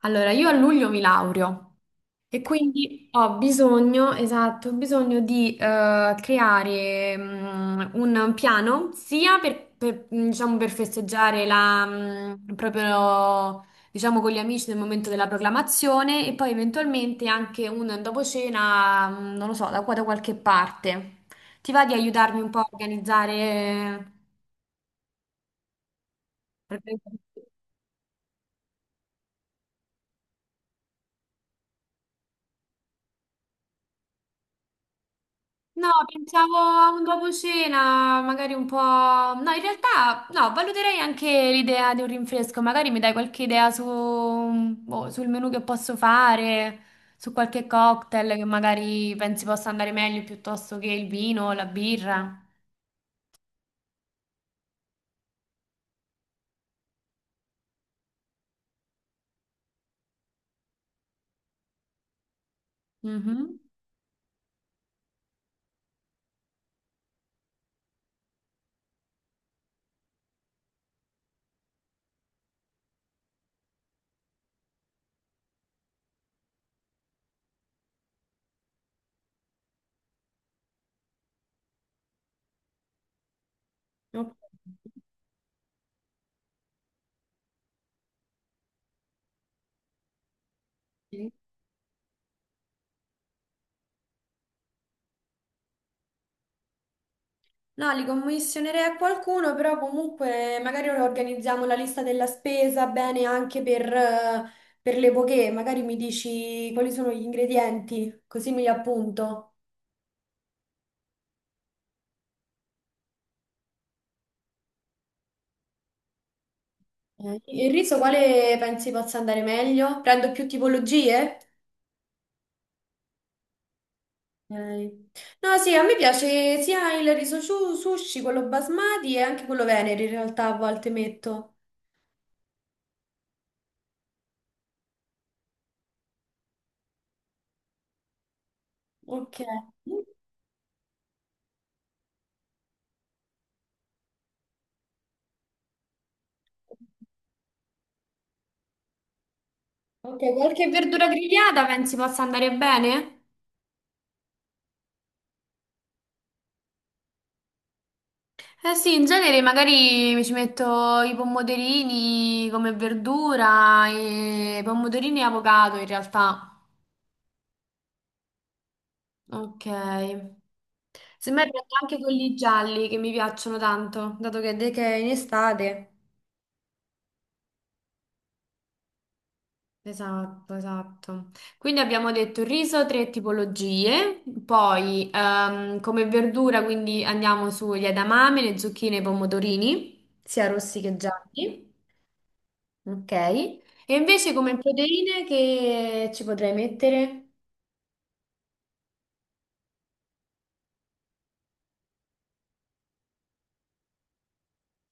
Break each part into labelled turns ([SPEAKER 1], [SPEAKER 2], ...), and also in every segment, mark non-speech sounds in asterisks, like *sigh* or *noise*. [SPEAKER 1] Allora, io a luglio mi laureo e quindi ho bisogno, esatto, ho bisogno di creare un piano sia per, diciamo, per festeggiare la, proprio, diciamo, con gli amici nel momento della proclamazione e poi eventualmente anche un dopo cena, non lo so, da qua da qualche parte. Ti va di aiutarmi un po' a organizzare? No, pensavo a un dopo cena, magari un po'. No, in realtà no, valuterei anche l'idea di un rinfresco, magari mi dai qualche idea su, boh, sul menù che posso fare, su qualche cocktail che magari pensi possa andare meglio piuttosto che il vino o la birra. Mhm. Ok. No, li commissionerei a qualcuno, però comunque magari organizziamo la lista della spesa bene anche per per le poche. Magari mi dici quali sono gli ingredienti, così mi li appunto. Il riso quale pensi possa andare meglio? Prendo più tipologie? Ok. No, sì, a me piace sia il sushi, quello basmati e anche quello venere in realtà a volte metto. Ok. Ok, qualche verdura grigliata pensi possa andare bene? Eh sì, in genere magari mi ci metto i pomodorini come verdura, e pomodorini e avocado in realtà. Ok. Semmai prendo anche quelli gialli che mi piacciono tanto, dato che è in estate. Esatto, esatto. Quindi abbiamo detto riso, tre tipologie, poi come verdura, quindi andiamo sugli edamame, le zucchine, e i pomodorini, sia rossi che gialli. Ok. E invece come proteine che ci potrei mettere?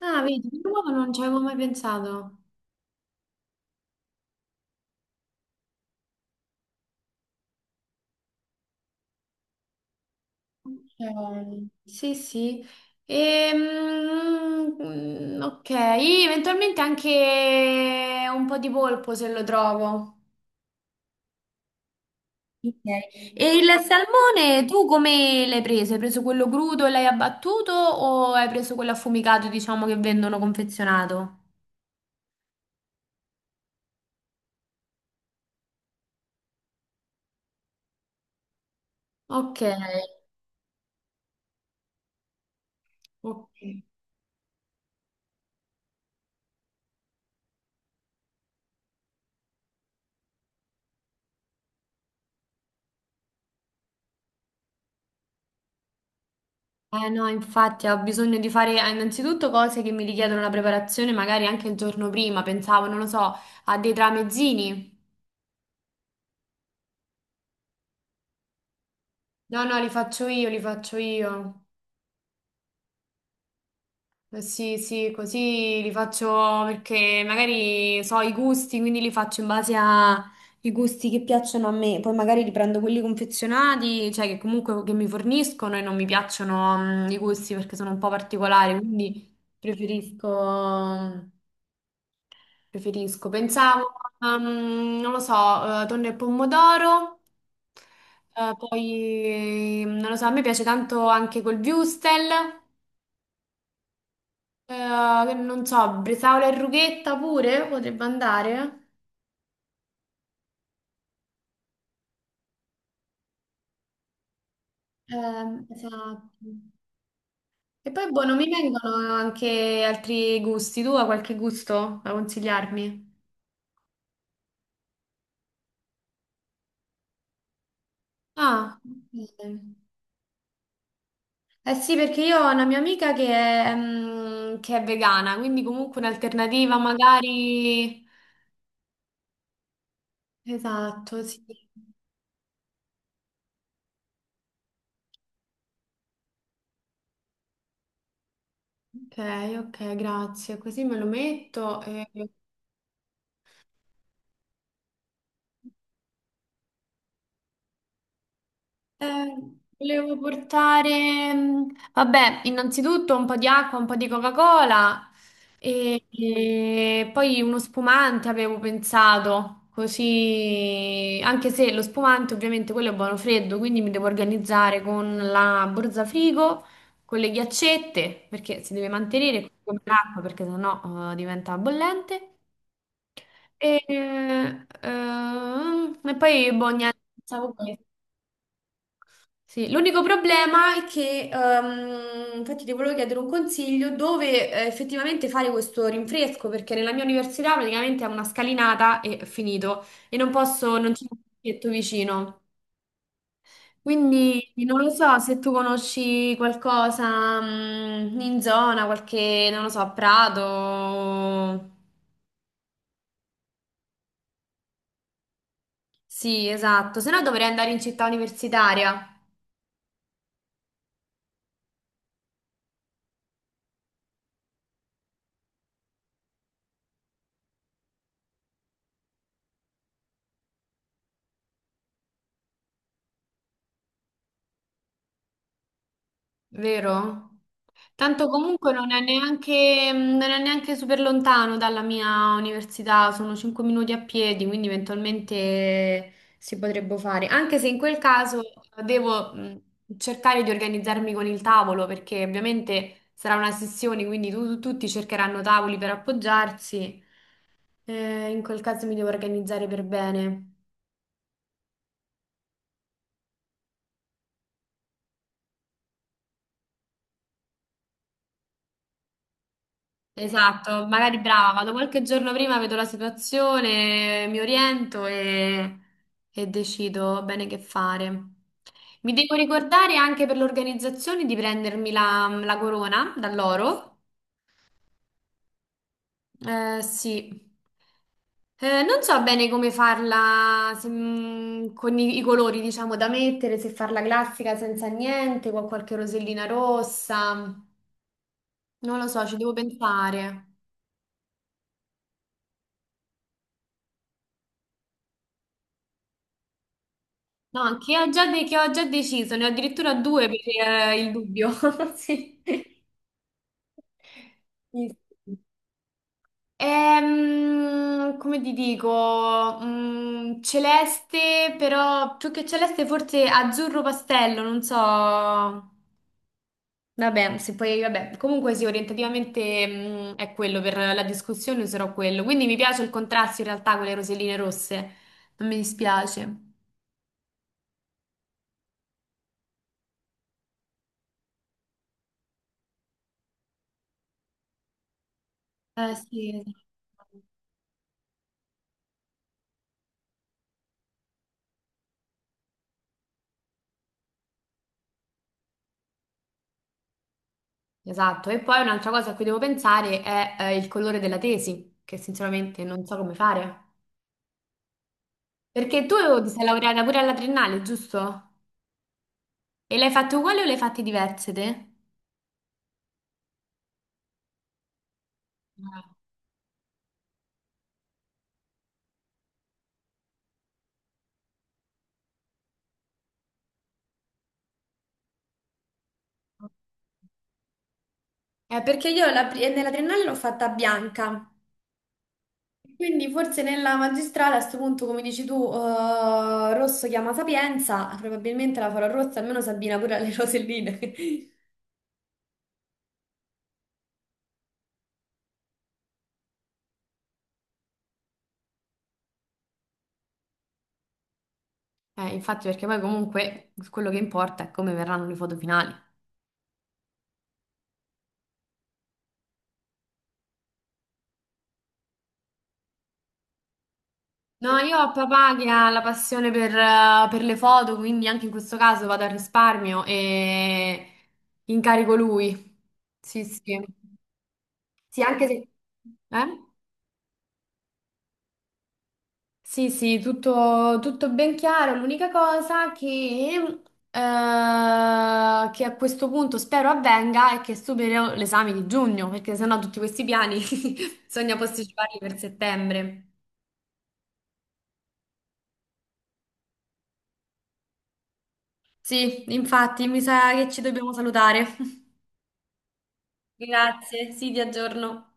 [SPEAKER 1] Ah, vedi, l'uovo non ci avevo mai pensato. Ok. Sì, sì. Ok, eventualmente anche un po' di polpo se lo trovo. Ok. E il salmone tu come l'hai preso? Hai preso quello crudo e l'hai abbattuto o hai preso quello affumicato, diciamo, che vendono confezionato? Ok, ok. Eh no, infatti ho bisogno di fare innanzitutto cose che mi richiedono una preparazione magari anche il giorno prima, pensavo, non lo so, a dei tramezzini. No, no, li faccio io, li faccio io. Sì, sì, così li faccio perché magari so i gusti, quindi li faccio in base ai gusti che piacciono a me. Poi magari riprendo quelli confezionati, cioè che comunque che mi forniscono e non mi piacciono, i gusti perché sono un po' particolari, quindi preferisco. Preferisco. Pensavo, non lo so, tonno e pomodoro, poi, non lo so, a me piace tanto anche col würstel, che non so, bresaola e rughetta pure potrebbe andare. Esatto. E poi, boh, non mi vengono anche altri gusti. Tu hai qualche gusto da consigliarmi? Ah, ok. Eh sì, perché io ho una mia amica che è vegana, quindi comunque un'alternativa magari. Esatto, sì. Ok, ok, grazie. Così me lo metto e. Eh, volevo portare, vabbè, innanzitutto un po' di acqua, un po' di Coca-Cola e poi uno spumante avevo pensato, così, anche se lo spumante ovviamente quello è buono freddo, quindi mi devo organizzare con la borsa frigo, con le ghiaccette, perché si deve mantenere come l'acqua, perché sennò diventa bollente. E poi, boh, niente, pensavo questo. Sì, l'unico problema è che, infatti ti volevo chiedere un consiglio dove effettivamente fare questo rinfresco, perché nella mia università praticamente è una scalinata e finito, e non posso, non c'è un parchetto vicino. Quindi non lo so se tu conosci qualcosa, in zona, qualche, non lo so, Prato. Sì, esatto, se no dovrei andare in città universitaria. Vero? Tanto comunque non è neanche, non è neanche super lontano dalla mia università, sono 5 minuti a piedi, quindi eventualmente si potrebbe fare. Anche se in quel caso devo cercare di organizzarmi con il tavolo, perché ovviamente sarà una sessione, quindi tutti cercheranno tavoli per appoggiarsi. In quel caso mi devo organizzare per bene. Esatto, magari brava, vado qualche giorno prima, vedo la situazione, mi oriento e decido bene che fare. Mi devo ricordare anche per l'organizzazione di prendermi la corona da loro. Sì. Non so bene come farla se, con i colori, diciamo, da mettere, se farla classica senza niente, con qualche rosellina rossa. Non lo so, ci devo pensare. No, anche io che ho già deciso, ne ho addirittura due per il dubbio. *laughs* Sì. Sì, sì. Come ti dico, celeste, però più che celeste forse azzurro pastello, non so. Vabbè, se poi, vabbè, comunque sì, orientativamente, è quello, per la discussione userò quello. Quindi mi piace il contrasto in realtà con le roselline rosse, non mi dispiace. Eh sì, esatto. Esatto, e poi un'altra cosa a cui devo pensare è il colore della tesi, che sinceramente non so come fare. Perché tu ti sei laureata pure alla triennale, giusto? E l'hai fatte uguali o le hai fatte diverse te? Ah. Perché io nella triennale l'ho fatta bianca, quindi forse nella magistrale a questo punto, come dici tu, rosso chiama Sapienza, probabilmente la farò rossa, almeno Sabina pure alle roselline. *laughs* Infatti, perché poi comunque quello che importa è come verranno le foto finali. No, io ho papà che ha la passione per le foto, quindi anche in questo caso vado al risparmio e incarico lui. Sì, sì. Sì, anche se. Eh? Sì, sì, tutto, tutto ben chiaro. L'unica cosa eh, che a questo punto spero avvenga è che supero l'esame di giugno, perché sennò tutti questi piani *laughs* bisogna posticiparli per settembre. Sì, infatti, mi sa che ci dobbiamo salutare. Grazie, sì, vi aggiorno.